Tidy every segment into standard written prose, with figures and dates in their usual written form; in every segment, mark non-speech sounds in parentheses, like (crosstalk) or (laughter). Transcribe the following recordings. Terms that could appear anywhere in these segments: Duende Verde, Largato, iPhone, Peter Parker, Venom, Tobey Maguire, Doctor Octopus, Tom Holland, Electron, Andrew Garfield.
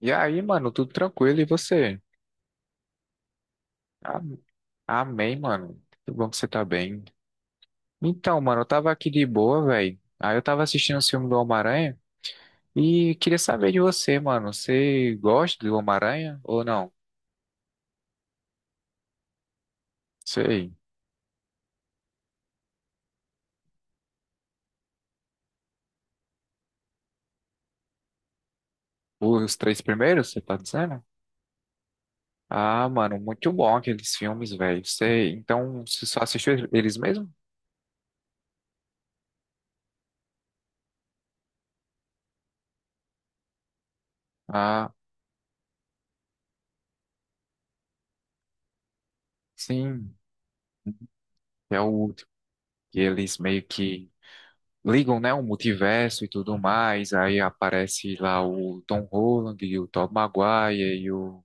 E aí, mano, tudo tranquilo e você? Ah, amém, mano. Que bom que você tá bem. Então, mano, eu tava aqui de boa, velho. Aí eu tava assistindo o filme do Homem-Aranha e queria saber de você, mano. Você gosta do Homem-Aranha ou não? Sei. Os três primeiros, você tá dizendo? Ah, mano, muito bom aqueles filmes, velho. Sei. Então, você só assistiu eles mesmo? Ah, sim. É o último. E eles meio que ligam, né, o multiverso e tudo mais, aí aparece lá o Tom Holland e o Tobey Maguire e o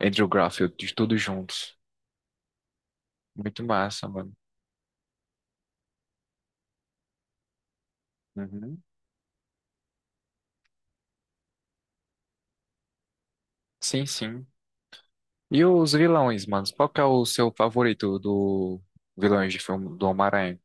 Andrew Garfield, de todos juntos. Muito massa, mano. Uhum. Sim, sim. E os vilões, mano? Qual que é o seu favorito do vilões de filme do Homem-Aranha?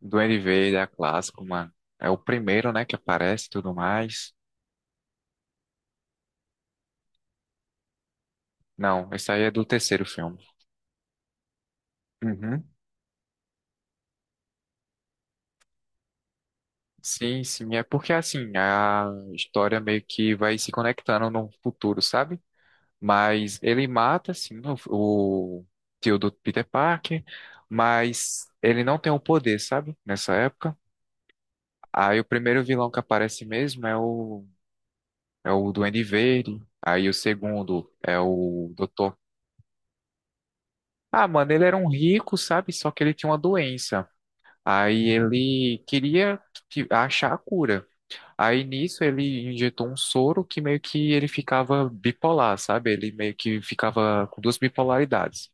Do NV, é clássico, mano. É o primeiro, né, que aparece e tudo mais. Não, esse aí é do terceiro filme. Uhum. Sim, sim, é porque assim, a história meio que vai se conectando no futuro, sabe? Mas ele mata, sim, o tio do Peter Parker, mas ele não tem o poder, sabe? Nessa época. Aí o primeiro vilão que aparece mesmo é é o Duende Verde. Aí o segundo é o Doutor. Ah, mano, ele era um rico, sabe? Só que ele tinha uma doença. Aí ele queria achar a cura. Aí nisso ele injetou um soro que meio que ele ficava bipolar, sabe? Ele meio que ficava com duas bipolaridades.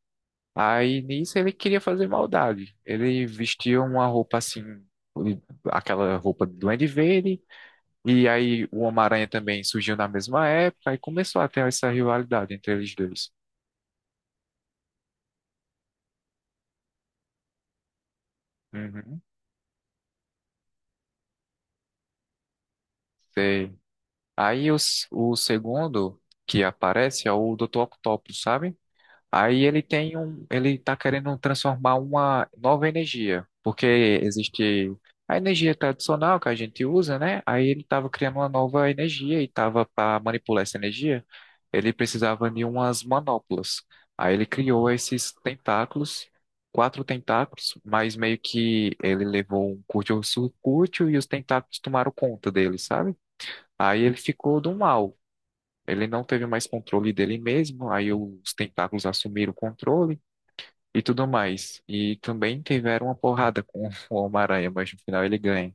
Aí nisso ele queria fazer maldade. Ele vestia uma roupa assim, aquela roupa do Duende Verde, e aí o Homem-Aranha também surgiu na mesma época, e começou a ter essa rivalidade entre eles dois. Uhum, sei. O segundo que aparece é o Dr. Octopus, sabe? Aí ele tem um, ele está querendo transformar uma nova energia, porque existe a energia tradicional que a gente usa, né? Aí ele estava criando uma nova energia e estava para manipular essa energia, ele precisava de umas manoplas. Aí ele criou esses tentáculos, quatro tentáculos, mas meio que ele levou um curto-circuito e os tentáculos tomaram conta dele, sabe? Aí ele ficou do mal. Ele não teve mais controle dele mesmo, aí os tentáculos assumiram o controle e tudo mais. E também tiveram uma porrada com (laughs) o Homem-Aranha, mas no final ele ganha.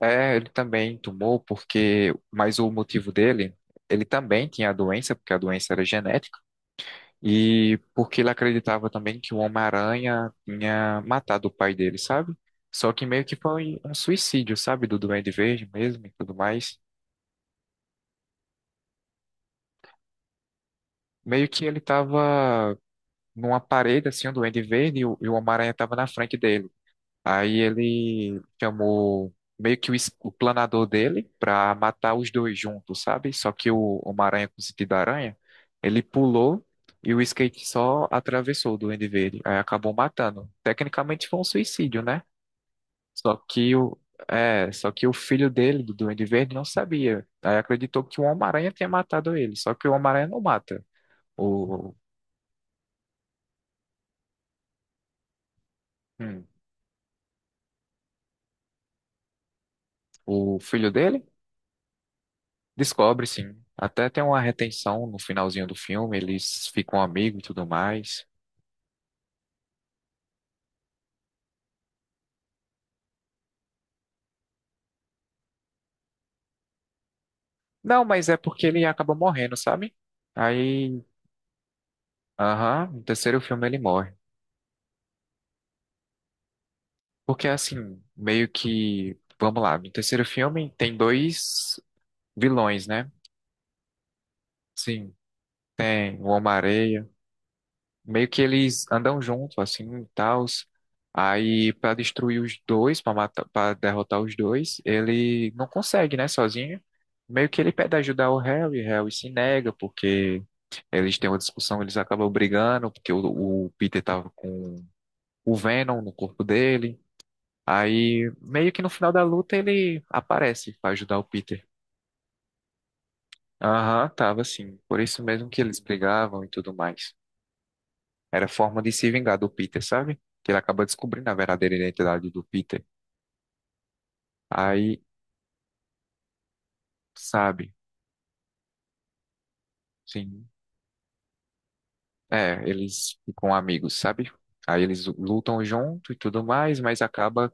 É, ele também tomou porque, mas o motivo dele, ele também tinha a doença, porque a doença era genética, e porque ele acreditava também que o Homem-Aranha tinha matado o pai dele, sabe? Só que meio que foi um suicídio, sabe? Do Duende Verde mesmo e tudo mais. Meio que ele tava numa parede, assim, um duende verde, e o Homem-Aranha tava na frente dele. Aí ele chamou meio que o planador dele pra matar os dois juntos, sabe? Só que o Homem-Aranha com sentido da aranha, ele pulou e o skate só atravessou o duende verde. Aí acabou matando. Tecnicamente foi um suicídio, né? Só que o, Só que o filho dele, do Duende Verde, não sabia. Aí acreditou que o Homem-Aranha tinha matado ele. Só que o Homem-Aranha não mata o, hum, o filho dele. Descobre, sim. Até tem uma retenção no finalzinho do filme, eles ficam amigos e tudo mais. Não, mas é porque ele acaba morrendo, sabe? Aí, aham, no terceiro filme ele morre. Porque assim, meio que, vamos lá, no terceiro filme tem dois vilões, né? Sim, tem o Homem-Aranha meio que eles andam junto assim e tal. Aí pra destruir os dois, pra matar, para derrotar os dois, ele não consegue, né, sozinho. Meio que ele pede ajuda ao Harry, Harry se nega porque eles têm uma discussão, eles acabam brigando porque o Peter tava com o Venom no corpo dele. Aí meio que no final da luta ele aparece pra ajudar o Peter. Aham, tava assim. Por isso mesmo que eles brigavam e tudo mais. Era forma de se vingar do Peter, sabe? Que ele acaba descobrindo a verdadeira identidade do Peter. Aí, sabe? Sim. É, eles ficam amigos, sabe? Aí eles lutam junto e tudo mais, mas acaba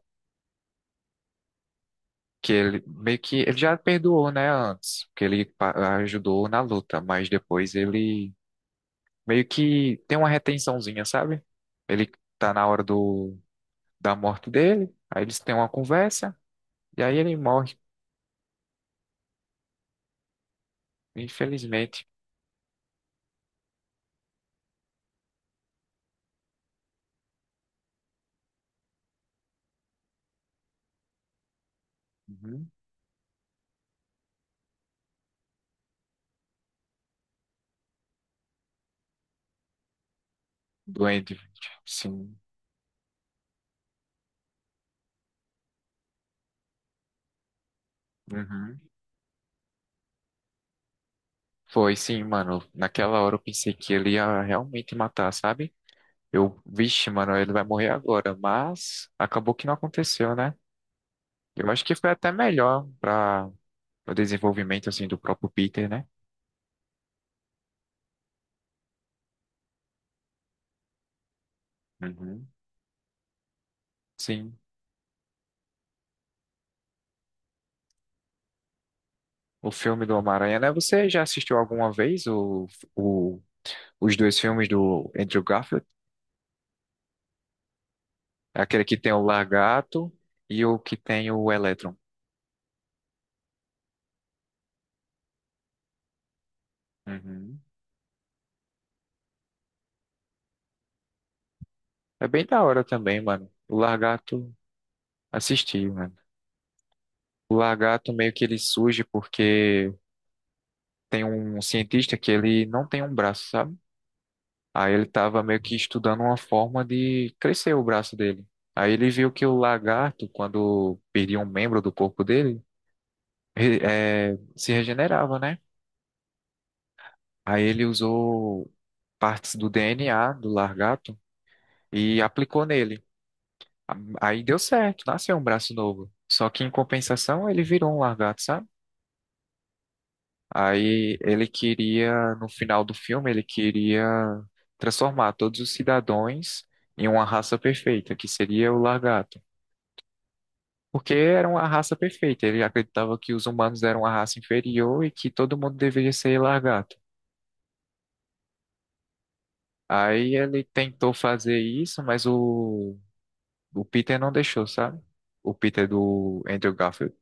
que ele meio que ele já perdoou, né, antes, porque ele ajudou na luta, mas depois ele meio que tem uma retençãozinha, sabe? Ele tá na hora do da morte dele, aí eles têm uma conversa e aí ele morre, infelizmente. Uhum. Doente, sim. Uhum. Foi sim, mano. Naquela hora eu pensei que ele ia realmente matar, sabe? Eu, vixe, mano, ele vai morrer agora, mas acabou que não aconteceu, né? Eu acho que foi até melhor para o desenvolvimento assim do próprio Peter, né? Uhum. Sim. O filme do Homem-Aranha, né? Você já assistiu alguma vez o, os dois filmes do Andrew Garfield? É aquele que tem o Largato e o que tem o Electron. Uhum. É bem da hora também, mano. O Largato assisti, mano. O lagarto meio que ele surge porque tem um cientista que ele não tem um braço, sabe? Aí ele tava meio que estudando uma forma de crescer o braço dele. Aí ele viu que o lagarto, quando perdia um membro do corpo dele, se regenerava, né? Aí ele usou partes do DNA do lagarto e aplicou nele. A- Aí deu certo, nasceu um braço novo. Só que em compensação ele virou um lagarto, sabe? Aí ele queria, no final do filme, ele queria transformar todos os cidadãos em uma raça perfeita, que seria o Largato. Porque era uma raça perfeita, ele acreditava que os humanos eram uma raça inferior e que todo mundo deveria ser Largato. Aí ele tentou fazer isso, mas o Peter não deixou, sabe? O Peter do Andrew Garfield.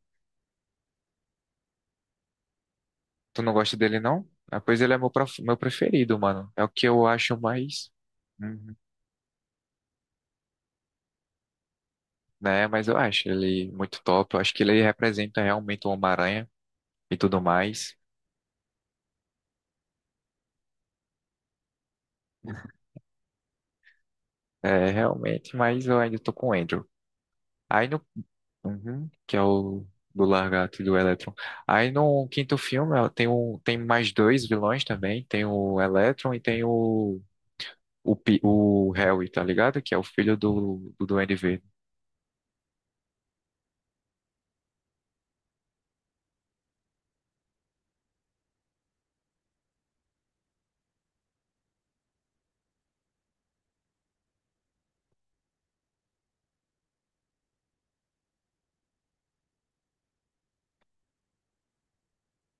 Tu não gosta dele, não? Ah, pois ele é meu preferido, mano. É o que eu acho mais. Hum, né? Mas eu acho ele muito top. Eu acho que ele representa realmente o Homem-Aranha e tudo mais. É, realmente, mas eu ainda tô com o Andrew. Aí no. Uhum, que é o do Largato e do Electron. Aí no quinto filme ó, tem, um, tem mais dois vilões também. Tem o Electron e tem o. O Harry, tá ligado? Que é o filho do Duende Verde.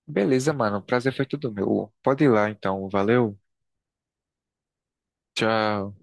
Beleza, mano. O prazer foi tudo meu. Pode ir lá, então. Valeu. Tchau.